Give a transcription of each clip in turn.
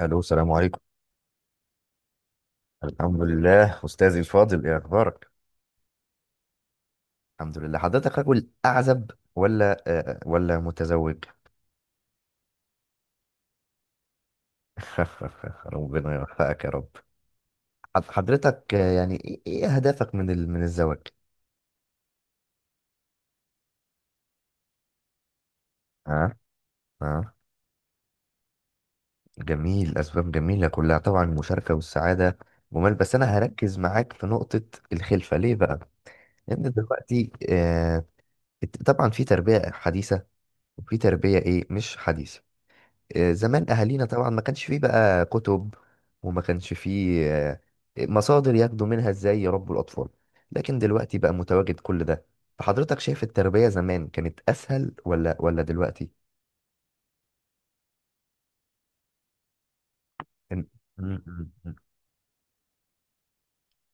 الو، السلام عليكم. الحمد لله، استاذي الفاضل، ايه اخبارك؟ الحمد لله. حضرتك رجل اعزب ولا متزوج؟ ربنا يوفقك يا رب. حضرتك، يعني إيه اهدافك من الزواج؟ اه. اه. جميل، اسباب جميله كلها طبعا، المشاركه والسعاده. جمال. بس انا هركز معاك في نقطه: الخلفه ليه بقى؟ لان دلوقتي، طبعا في تربيه حديثه وفي تربيه مش حديثه. زمان اهالينا طبعا ما كانش فيه بقى كتب وما كانش فيه مصادر ياخدوا منها ازاي يربوا الاطفال، لكن دلوقتي بقى متواجد كل ده. فحضرتك شايف التربية زمان كانت اسهل ولا دلوقتي؟ إن- م- م- م.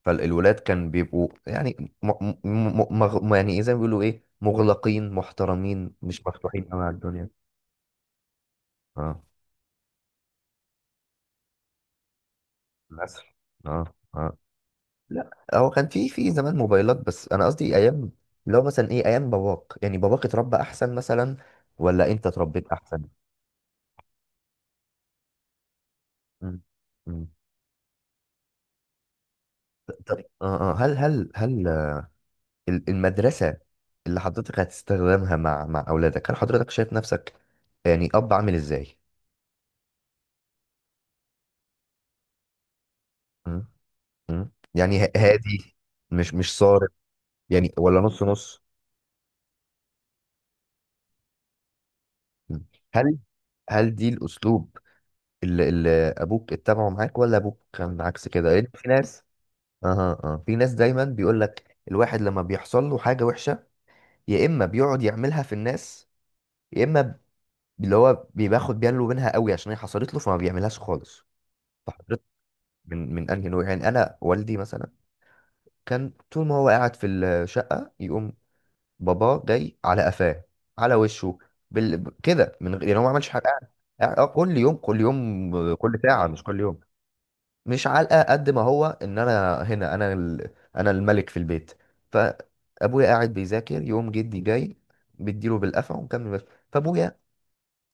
فالولاد كان بيبقوا يعني يعني زي ما بيقولوا مغلقين محترمين، مش مفتوحين قوي على الدنيا. اه، للاسف. اه. اه. لا، هو كان في زمان موبايلات، بس انا قصدي ايام اللي هو مثلا ايام باباك، يعني باباك اتربى احسن مثلا ولا انت اتربيت احسن؟ مم. مم. طب، هل المدرسة اللي حضرتك هتستخدمها مع اولادك، هل حضرتك شايف نفسك يعني اب عامل ازاي؟ مم. مم. يعني هادي؟ مش صارم؟ يعني ولا نص نص؟ مم. هل هل دي الاسلوب اللي ابوك اتبعه معاك، ولا ابوك كان عكس كده؟ لان في ناس. اها، اه، في ناس دايما بيقول لك الواحد لما بيحصل له حاجه وحشه يا اما بيقعد يعملها في الناس، يا اما اللي هو بياخد باله منها قوي عشان هي حصلت له فما بيعملهاش خالص. فحضرتك من انهي نوع؟ يعني انا والدي مثلا كان طول ما هو قاعد في الشقه يقوم بابا جاي على قفاه، على وشه، كده من غير يعني، هو ما عملش حاجه، قاعد اه، كل يوم، كل يوم، كل ساعه، مش كل يوم. مش علقه، قد ما هو ان انا هنا، انا انا الملك في البيت. فابويا قاعد بيذاكر، يقوم جدي جاي بيديله بالقفا ومكمل بس. فابويا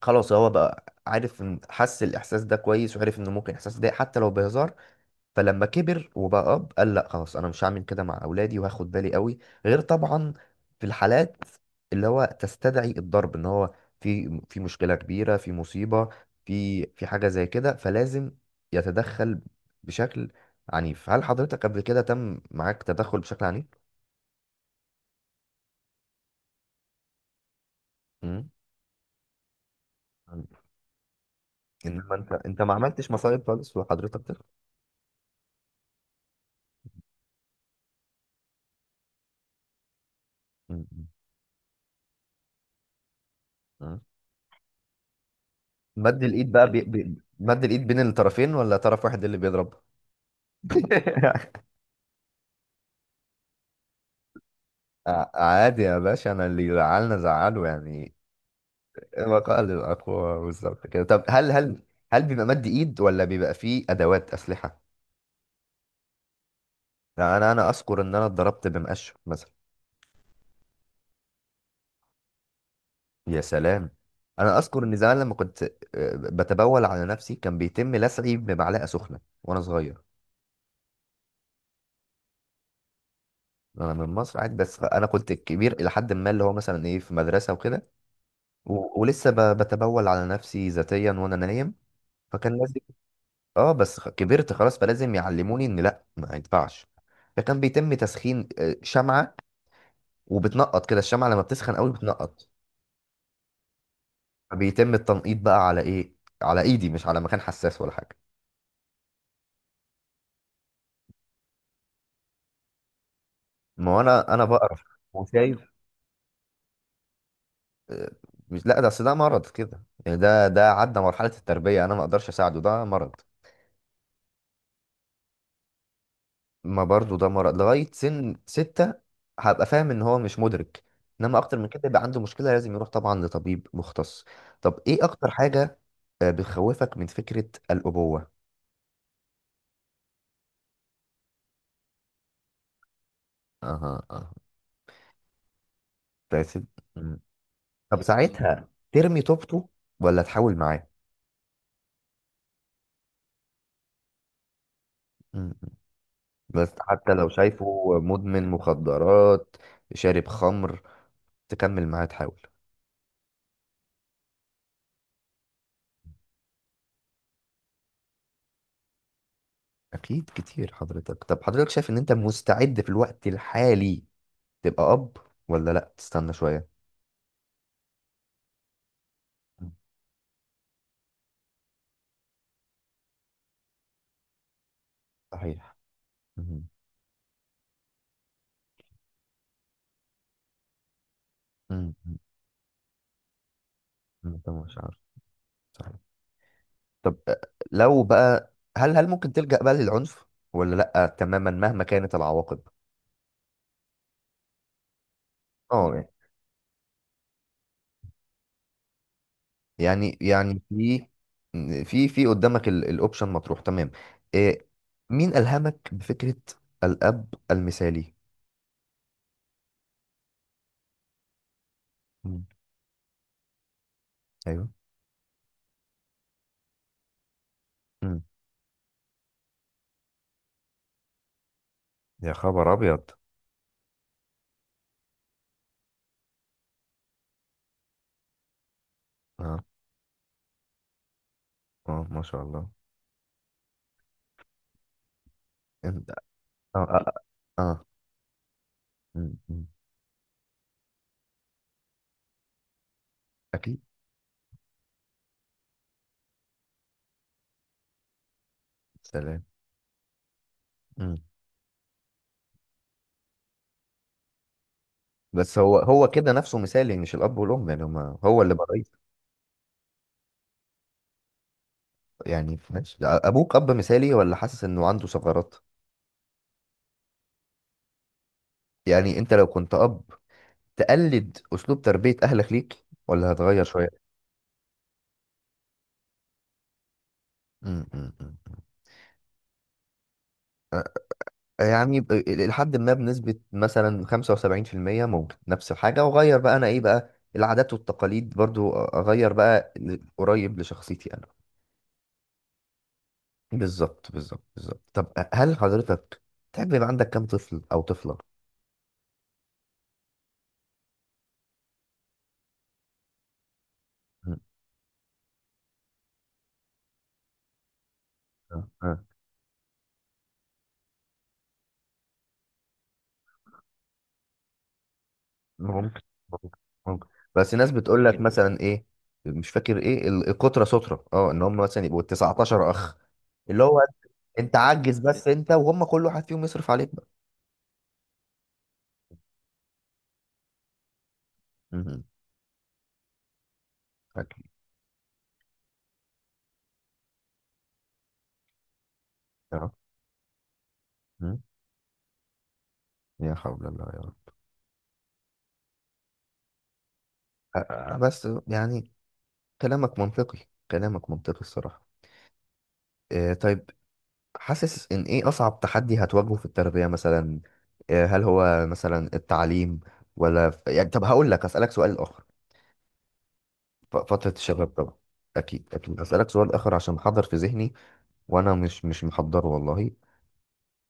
خلاص هو بقى عارف حس الاحساس ده كويس، وعرف انه ممكن الاحساس ده حتى لو بهزار. فلما كبر وبقى اب، قال لا خلاص، انا مش هعمل كده مع اولادي، وهاخد بالي قوي. غير طبعا في الحالات اللي هو تستدعي الضرب، ان هو في مشكله كبيره، في مصيبه، في حاجه زي كده، فلازم يتدخل بشكل عنيف. هل حضرتك قبل كده تم معاك تدخل بشكل عنيف؟ امم. انما انت، ما عملتش مصايب خالص وحضرتك مم. مم. مد الايد بقى مد الايد بين الطرفين ولا طرف واحد اللي بيضرب؟ عادي يا باشا، انا اللي زعلنا زعله يعني. بقاء للأقوى، بالظبط كده. طب، هل بيبقى مد ايد ولا بيبقى فيه ادوات اسلحه؟ لا، انا اذكر ان انا اتضربت بمقشف مثلا. يا سلام، انا اذكر ان زمان لما كنت، بتبول على نفسي، كان بيتم لسعي بمعلقه سخنه وانا صغير. انا من مصر عادي، بس انا كنت كبير الى حد ما، اللي هو مثلا في مدرسه وكده، ولسه بتبول على نفسي ذاتيا وانا نايم. فكان، اه، بس كبرت خلاص، فلازم يعلموني ان لا، ما ينفعش. فكان بيتم تسخين شمعة، وبتنقط كده الشمعة لما بتسخن قوي بتنقط. بيتم التنقيط بقى على ايه؟ على ايدي، مش على مكان حساس ولا حاجة. ما هو انا، بقرف وشايف آه، مش، لا، ده اصل ده مرض كده يعني، ده عدى مرحلة التربية، انا ما اقدرش اساعده، ده مرض. ما برضو ده مرض لغاية سن 6 هبقى فاهم ان هو مش مدرك، انما اكتر من كده يبقى عنده مشكلة لازم يروح طبعا لطبيب مختص. طب ايه اكتر حاجة بتخوفك من فكرة الأبوة؟ اها. اها. بس- مم. طب ساعتها ترمي توبته ولا تحاول معاه؟ مم. بس حتى لو شايفه مدمن مخدرات، شارب خمر، تكمل معاه تحاول؟ اكيد، كتير حضرتك. طب، حضرتك شايف ان انت مستعد في الوقت الحالي تبقى اب، ولا لا، تستنى شويه؟ مم. صحيح. مهم. مم. مم. ده مش عارف. طب، لو بقى، هل ممكن تلجأ بقى للعنف، ولا لا تماما مهما كانت العواقب؟ اه، يعني في، في قدامك الاوبشن مطروح تمام؟ إيه. مين ألهمك بفكرة الأب المثالي؟ مم. ايوه. مم. يا خبر ابيض. اه. اه. ما شاء الله. انت. اه، آه. مم. مم. اكيد. سلام. مم. بس هو، هو كده نفسه مثالي، مش الاب والام يعني، هما، هو اللي بقى رئيس. يعني ماشي، ابوك اب مثالي ولا حاسس انه عنده ثغرات؟ يعني انت لو كنت اب، تقلد اسلوب تربيه اهلك ليك ولا هتغير شويه؟ م- م- م- م. يعني لحد ما بنسبه مثلا 75%، ممكن نفس الحاجه، واغير بقى انا ايه بقى العادات والتقاليد برضو، اغير بقى قريب لشخصيتي انا. بالظبط، بالظبط، بالظبط. طب، هل حضرتك تحب يبقى عندك كام طفل او طفله؟ م. ممكن، ممكن، ممكن، بس ناس بتقول لك يعني مثلا مش فاكر ايه القطرة سترة، اه، ان هم مثلا يبقوا 19 اخ، اللي هو انت عجز. بس انت وهم كل واحد فيهم يصرف عليك بقى. مهم. اكيد. اه. مم. يا حول الله يا رب. بس يعني كلامك منطقي، كلامك منطقي الصراحة. طيب، حاسس ان ايه اصعب تحدي هتواجهه في التربية مثلا؟ هل هو مثلا التعليم ولا يعني، طب هقول لك، اسألك سؤال اخر. فترة الشباب طبعا. أكيد، أكيد. أسألك سؤال آخر عشان محضر في ذهني، وأنا مش محضره والله.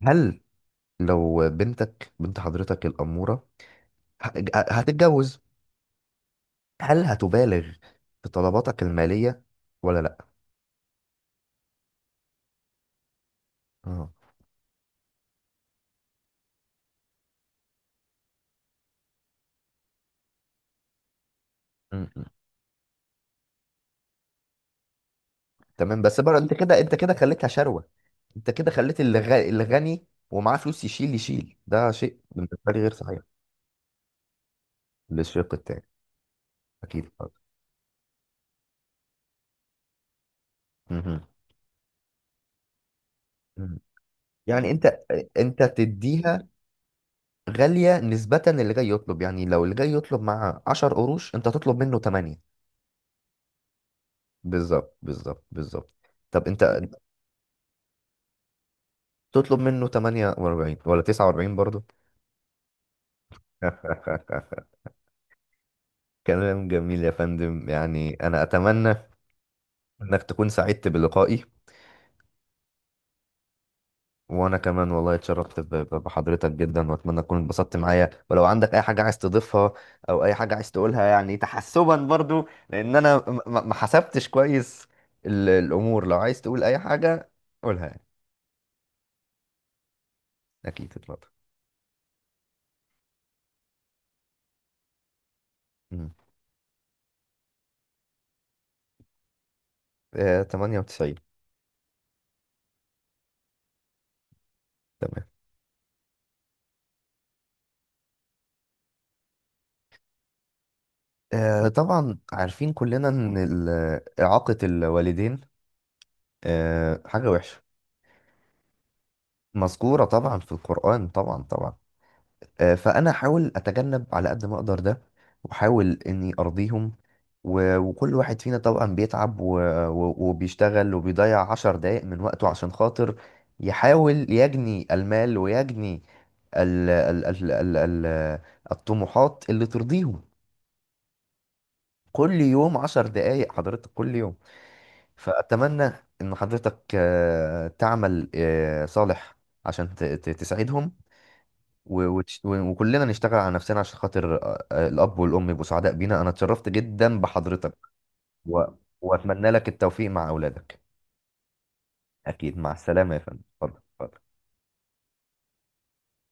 هل، لو بنتك، بنت حضرتك الأمورة، ه- هتتجوز، هل هتبالغ في طلباتك المالية ولا لأ؟ اه. م- م. تمام، بس بقى أنت كده، أنت كده خليتها شروة، أنت كده خليت اللي اللي غني ومعاه فلوس يشيل، يشيل ده شيء بالنسبة لي غير صحيح. للشق التاني. أكيد. مهم. مهم. يعني أنت، أنت تديها غالية، نسبة اللي جاي يطلب، يعني لو اللي جاي يطلب مع 10 قروش انت تطلب منه 8. بالظبط، بالظبط، بالظبط. طب انت تطلب منه 48 ولا 49 برضه؟ كلام جميل يا فندم. يعني انا اتمنى انك تكون سعدت بلقائي، وانا كمان والله اتشرفت بحضرتك جدا، واتمنى تكون اتبسطت معايا. ولو عندك اي حاجه عايز تضيفها او اي حاجه عايز تقولها، يعني تحسبا برضو لان انا ما حسبتش كويس الامور، لو عايز تقول اي حاجه قولها يعني. اكيد، اتفضل. مم. 98. تمام. طبعا عارفين كلنا ان اعاقه الوالدين حاجه وحشه، مذكوره طبعا في القران، طبعا، طبعا. فانا احاول اتجنب على قد ما اقدر ده، واحاول اني ارضيهم، وكل واحد فينا طبعا بيتعب، وبيشتغل وبيضيع 10 دقايق من وقته عشان خاطر يحاول يجني المال ويجني ال ال ال ال ال الطموحات اللي ترضيهم. كل يوم 10 دقايق حضرتك، كل يوم. فأتمنى إن حضرتك تعمل صالح عشان تساعدهم، وكلنا نشتغل على نفسنا عشان خاطر الأب والأم يبقوا سعداء بينا. أنا اتشرفت جدا بحضرتك، و... وأتمنى لك التوفيق مع أولادك. أكيد، مع السلامة يا فندم، اتفضل، اتفضل.